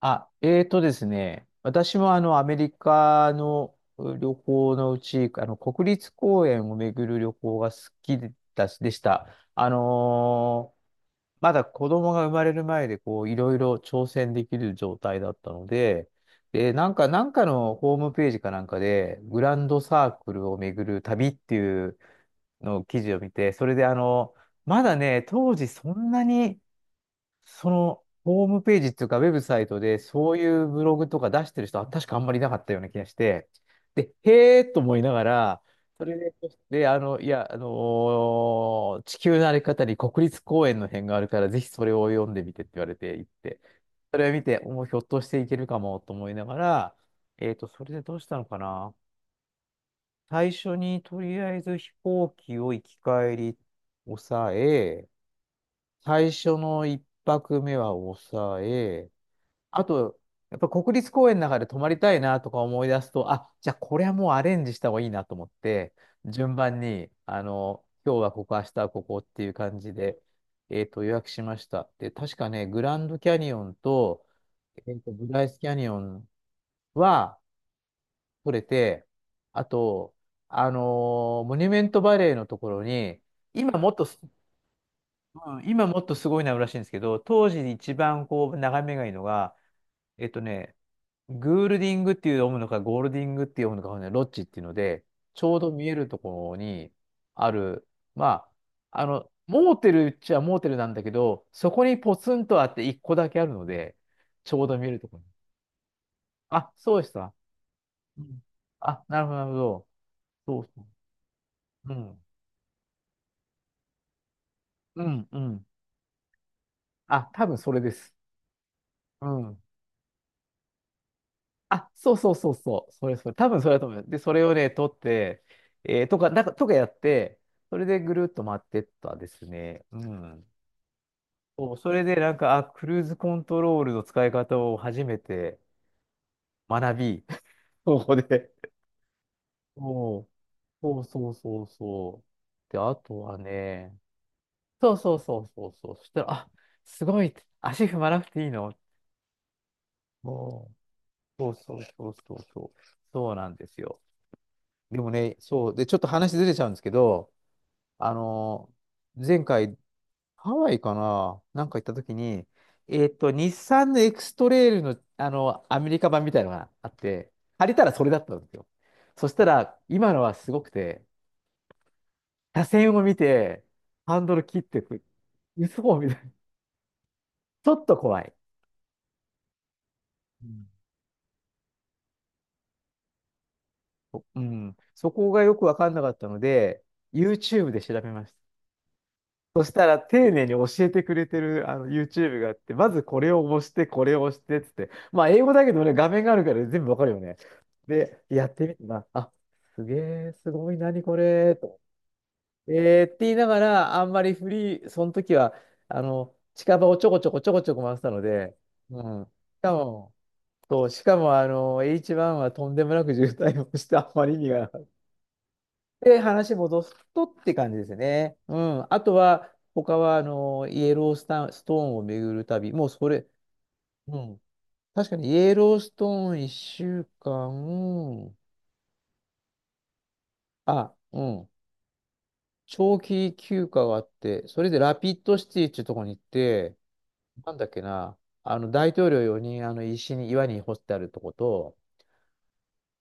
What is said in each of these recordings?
あ、ですね、私もあのアメリカのう旅行のうち、あの国立公園を巡る旅行が好きでたし、でした。あのーまだ子供が生まれる前でこういろいろ挑戦できる状態だったので、で、なんかのホームページかなんかで、グランドサークルを巡る旅っていうのを記事を見て、それであの、まだね、当時そんなにその、ホームページっていうか、ウェブサイトで、そういうブログとか出してる人は、確かあんまりいなかったような気がして、で、へーと思いながら、それで、で、あの、いや、地球の歩き方に国立公園の辺があるから、ぜひそれを読んでみてって言われて行って、それを見て、もうひょっとしていけるかもと思いながら、それでどうしたのかな。最初に、とりあえず飛行機を行き帰り抑え、最初の一泊目は抑え、あと、やっぱ国立公園の中で泊まりたいなとか思い出すと、あ、じゃあこれはもうアレンジした方がいいなと思って、順番に、あの、今日はここ、明日はここっていう感じで、予約しました。で、確かね、グランドキャニオンと、ブライスキャニオンは取れて、あと、あのモニュメントバレーのところに、今もっとうん、今もっとすごいのあるらしいんですけど、当時一番こう眺めがいいのが、ね、グールディングっていう読むのか、ゴールディングって読むのか、ね、ロッジっていうので、ちょうど見えるところにある、まあ、あの、モーテルっちゃモーテルなんだけど、そこにポツンとあって一個だけあるので、ちょうど見えるところに。あ、そうでした。うん、あ、なるほど、なるほど。そうそう。うん。うん、うん。あ、多分それです。うん。あ、そうそうそうそう。それそれ。多分それだと思う。で、それをね、取って、えーとか、なんか、とかやって、それでぐるっと回ってったですね。うん。そう、それでなんか、あ、クルーズコントロールの使い方を初めて学び、ここで。そう、そうそうそうそう。で、あとはね、そうそうそうそうそう。そしたら、あ、すごい、足踏まなくていいの。おう、そうそうそうそうそう。そうなんですよ。でもね、そう。で、ちょっと話ずれちゃうんですけど、あの、前回、ハワイかななんか行った時に、日産のエクストレイルの、あの、アメリカ版みたいなのがあって、借りたらそれだったんですよ。そしたら、今のはすごくて、車線を見て、ハンドル切ってく、嘘みたいな。ちょっと怖い。うん。うん、そこがよくわかんなかったので、YouTube で調べました。そしたら丁寧に教えてくれてるあの YouTube があって、まずこれを押して、これを押してっつって、まあ英語だけどね、画面があるから全部わかるよね。で、やってみてな、あ、すげえ、すごい、何これ、と。えーって言いながら、あんまりフリー、その時は、あの、近場をちょこちょこちょこちょこ回ってたので、うん。しかも、そう、しかも、あの、H1 はとんでもなく渋滞をして、あんまり意味がなかで、話戻すとって感じですね。うん。あとは、他は、あの、イエロースタン、ストーンを巡る旅。もうそれ、うん。確かに、イエローストーン1週間、あ、うん。長期休暇があって、それでラピッドシティっていうところに行って、なんだっけな、あの、大統領用にん、あの、石に、岩に掘ってあるとこと、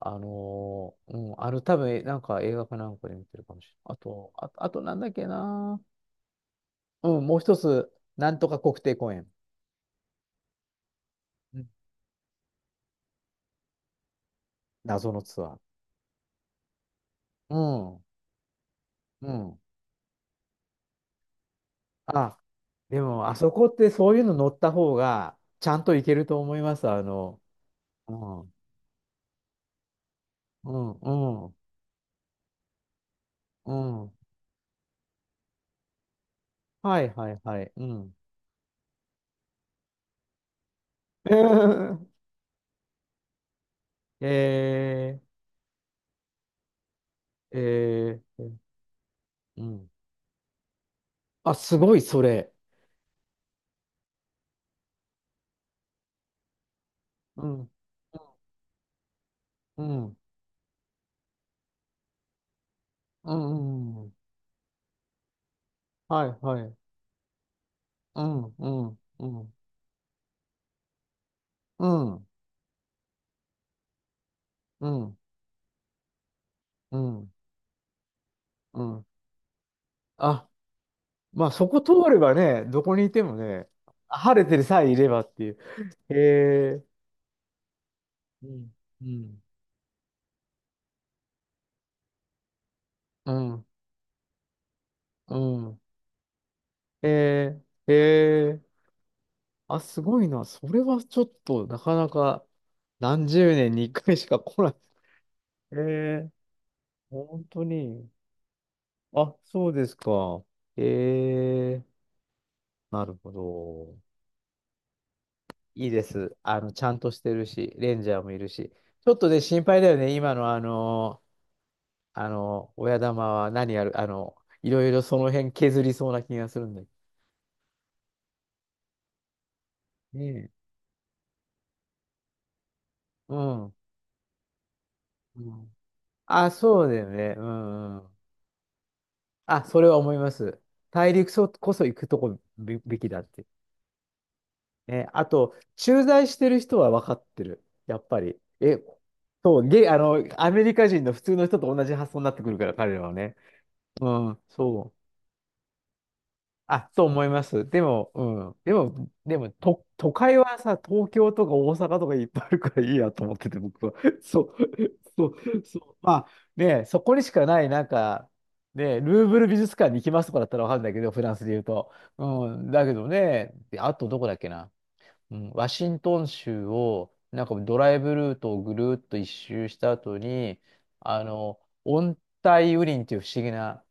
うん、あの、多分、なんか映画かなんかで見てるかもしれない。あと、あ、あとなんだっけな、うん、もう一つ、なんとか国定公園。うん、謎のツアー。うん。うん。あ、でも、あそこってそういうの乗った方が、ちゃんと行けると思います。あの、うん、うん、うん、うん。はい、はい、はい。うん。えー、えー、うん。あ、すごい、それ。うん、うん、うん、うん。はい、はい。うん、うん、うん、うん、うん、うん。うん、あ、まあそこ通ればね、どこにいてもね、晴れてるさえいればっていう。へえ、うん、うん、うん、うん。へえ、へえ、あ、すごいな。それはちょっとなかなか何十年に一回しか来ない。へえ、本当に。あ、そうですか。へえ、なるほど。いいです。あの、ちゃんとしてるし、レンジャーもいるし。ちょっとね、心配だよね。今のあの、あの、親玉は何やる、あの、いろいろその辺削りそうな気がするんだけどね。うん。うん、あ、そうだよね。うんうん。あ、それは思います。大陸そこそ行くとこべべきだって。ね、あと、駐在してる人は分かってる。やっぱり。え、そう、ゲ、あの、アメリカ人の普通の人と同じ発想になってくるから、彼らはね。うん、そう。あ、と思います。でも、うん。でも、でも、と、都会はさ、東京とか大阪とかいっぱいあるからいいやと思ってて、僕は。そう、そう、そう。まあ、ね、そこにしかない、なんか、ね、ルーブル美術館に行きますとかだったらわかるんだけど、フランスで言うと。うん、だけどね、であとどこだっけな。うん、ワシントン州を、なんかドライブルートをぐるーっと一周した後に、あの、温帯雨林っていう不思議な、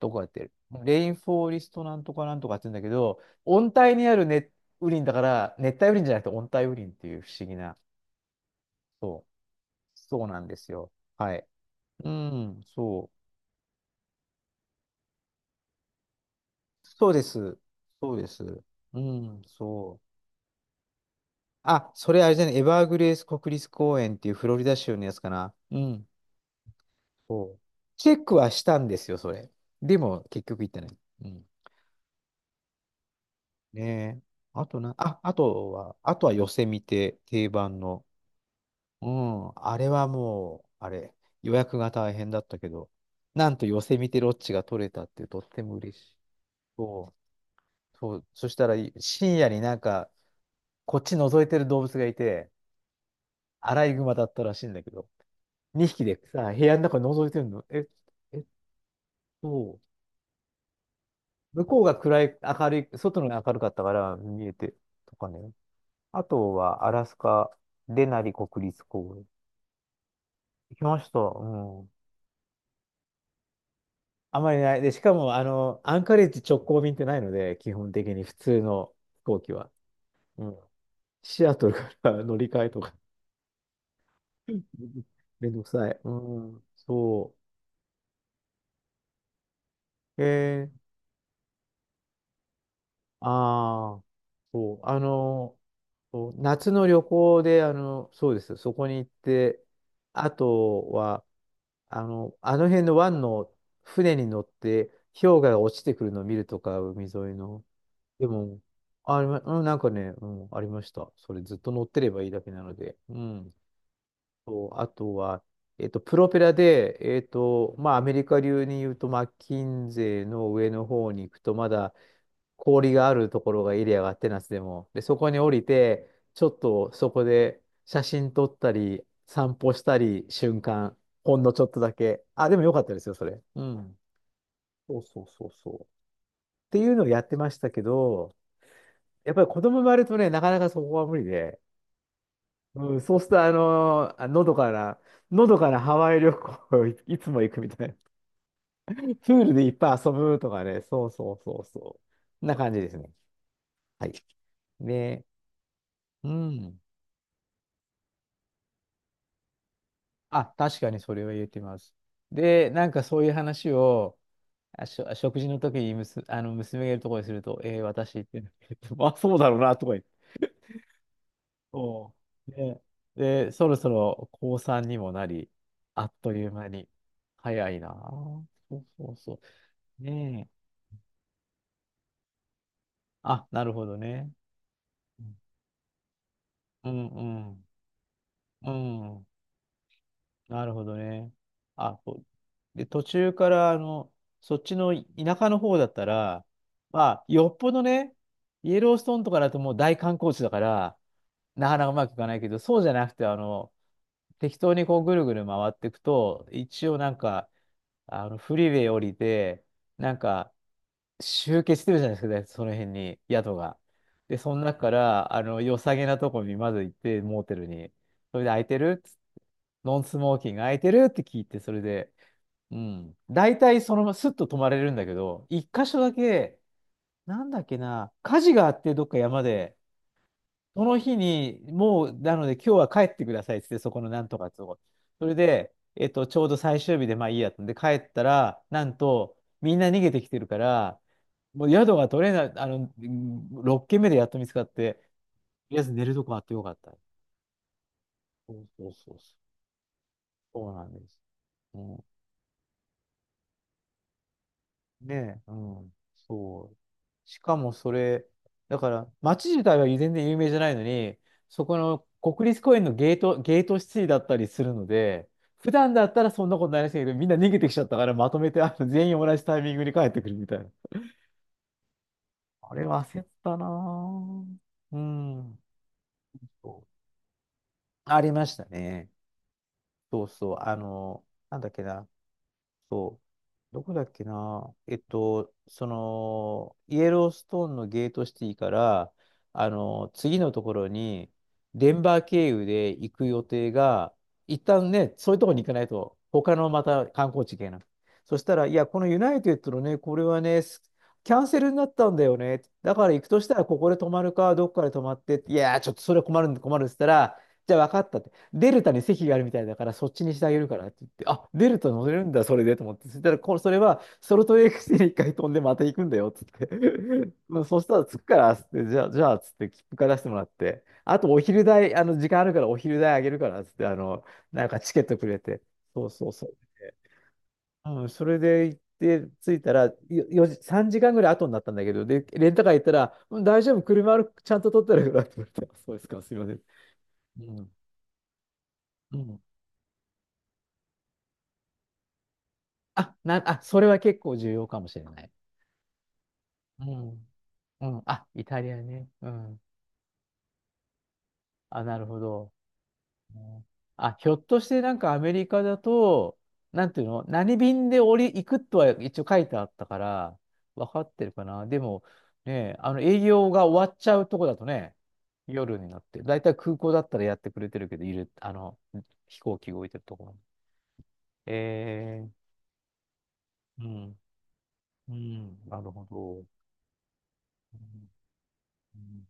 どこやってるレインフォーリストなんとかなんとかって言うんだけど、温帯にある熱雨林だから、熱帯雨林じゃなくて温帯雨林っていう不思議な、そう、そうなんですよ。はい。うん、そう。そうです。そうです。うん、そう。あ、それあれじゃない、エバーグレース国立公園っていうフロリダ州のやつかな。うん、そう。チェックはしたんですよ、それ。でも、結局行ってない。うん。ねえ。あとな、あ、あとは、あとは寄せ見て、定番の。うん、あれはもう、あれ、予約が大変だったけど、なんと寄せ見てロッチが取れたってとっても嬉しい。そう、そう、そしたらい深夜になんか、こっち覗いてる動物がいて、アライグマだったらしいんだけど、2匹でさ、部屋の中覗いてるの。え、えっと、向こうが暗い、明るい、外のが明るかったから見えて、とかね。あとはアラスカ、デナリ国立公園。行きました。うん。あまりない。で、しかも、あの、アンカレッジ直行便ってないので、基本的に普通の飛行機は。うん。シアトルから乗り換えとか めんどくさい。うん。そう。ああ、そう。そう夏の旅行で、そうです。そこに行って、あとは、あの、あの辺の湾の船に乗って、氷河が落ちてくるのを見るとか、海沿いの。でも、あ、りまうん、なんかね、うん、ありました。それずっと乗ってればいいだけなので。うん。と、あとは、プロペラで、まあ、アメリカ流に言うと、マッキンゼーの上の方に行くと、まだ氷があるところがエリアがあってナスでも。で、そこに降りて、ちょっとそこで写真撮ったり、散歩したり、瞬間、ほんのちょっとだけ。あ、でもよかったですよ、それ。うん。そうそうそうそう。っていうのをやってましたけど、やっぱり子供生まれるとね、なかなかそこは無理で、うん、そうすると、あのどかな、のどかなハワイ旅行、 いつも行くみたいな。プールでいっぱい遊ぶとかね、そうそうそうそう。な感じですね。はい。で、うん。あ、確かにそれは言えてます。で、なんかそういう話を、食事の時にあの娘がいるところにすると、私って、あ、そうだろうな、とか。そう。で、で、そろそろ高3にもなり、あっという間に。早いなあ。そうそうそう。ねえ。あ、なるほどね。うんうんうん。うん、なるほどね。あ、そうで、途中から、あの、そっちの田舎の方だったら、まあ、よっぽどね、イエローストーンとかだともう大観光地だから、なかなかうまくいかないけど、そうじゃなくて、あの、適当にこうぐるぐる回っていくと、一応なんか、あの、フリーウェイ降りて、なんか、集結してるじゃないですか、その辺に、宿が。で、その中から、あの、良さげなとこにまず行って、モーテルに。それで、空いてるノンスモーキング空いてるって聞いて、それで、うん。大体、そのままスッと泊まれるんだけど、一箇所だけ、なんだっけな、火事があって、どっか山で、その日に、もう、なので、今日は帰ってくださいっつって、そこのなんとかとこ。それで、ちょうど最終日で、まあいいやってんで、帰ったら、なんと、みんな逃げてきてるから、もう宿が取れない、あの、6軒目でやっと見つかって、とりあえず寝るとこあってよかった。そうそうそうそう。そうなんです。うん、ねえ、うん、そう。しかもそれ、だから、街自体は全然有名じゃないのに、そこの国立公園のゲートシティだったりするので、普段だったらそんなことないらしいけど、みんな逃げてきちゃったから、まとめてあの全員同じタイミングに帰ってくるみたいな。あれは焦ったなぁ。うん。そうありましたね。そうそう。あの、なんだっけな。そう。どこだっけな。その、イエローストーンのゲートシティから、あの、次のところに、デンバー経由で行く予定が、一旦ね、そういうところに行かないと、他のまた観光地行けない。そしたら、いや、このユナイテッドのね、これはね、キャンセルになったんだよね。だから行くとしたら、ここで泊まるか、どっかで泊まって、いや、ちょっとそれ困るって言ったら、じゃあ分かったって。デルタに席があるみたいだから、そっちにしてあげるからって言って、あ、デルタ乗れるんだ、それでと思って。そしたら、これ、それは、ソルトレークシティに一回飛んでまた行くんだよ、つって。まあ、そしたら、着くから、つって、じゃあ、つって、切符から出してもらって、あと、お昼代、あの、時間あるから、お昼代あげるから、つって、あの、なんかチケットくれて。そうそうそう。うん、それで行って、着いたら、4時、3時間ぐらい後になったんだけど、で、レンタカー行ったら、うん、大丈夫、車ある、ちゃんと取ってあるからって言われて、そうですか、すいません。うん。うん、あ、それは結構重要かもしれない。うん。うん。あ、イタリアね。うん。あ、なるほど。うん、あ、ひょっとしてなんかアメリカだと、なんていうの、何便で降り、行くとは一応書いてあったから、分かってるかな。でも、ね、あの営業が終わっちゃうとこだとね、夜になって、だいたい空港だったらやってくれてるけど、いる、あの、飛行機動いてるところ。えー、うん、うん、なるほど。うんうん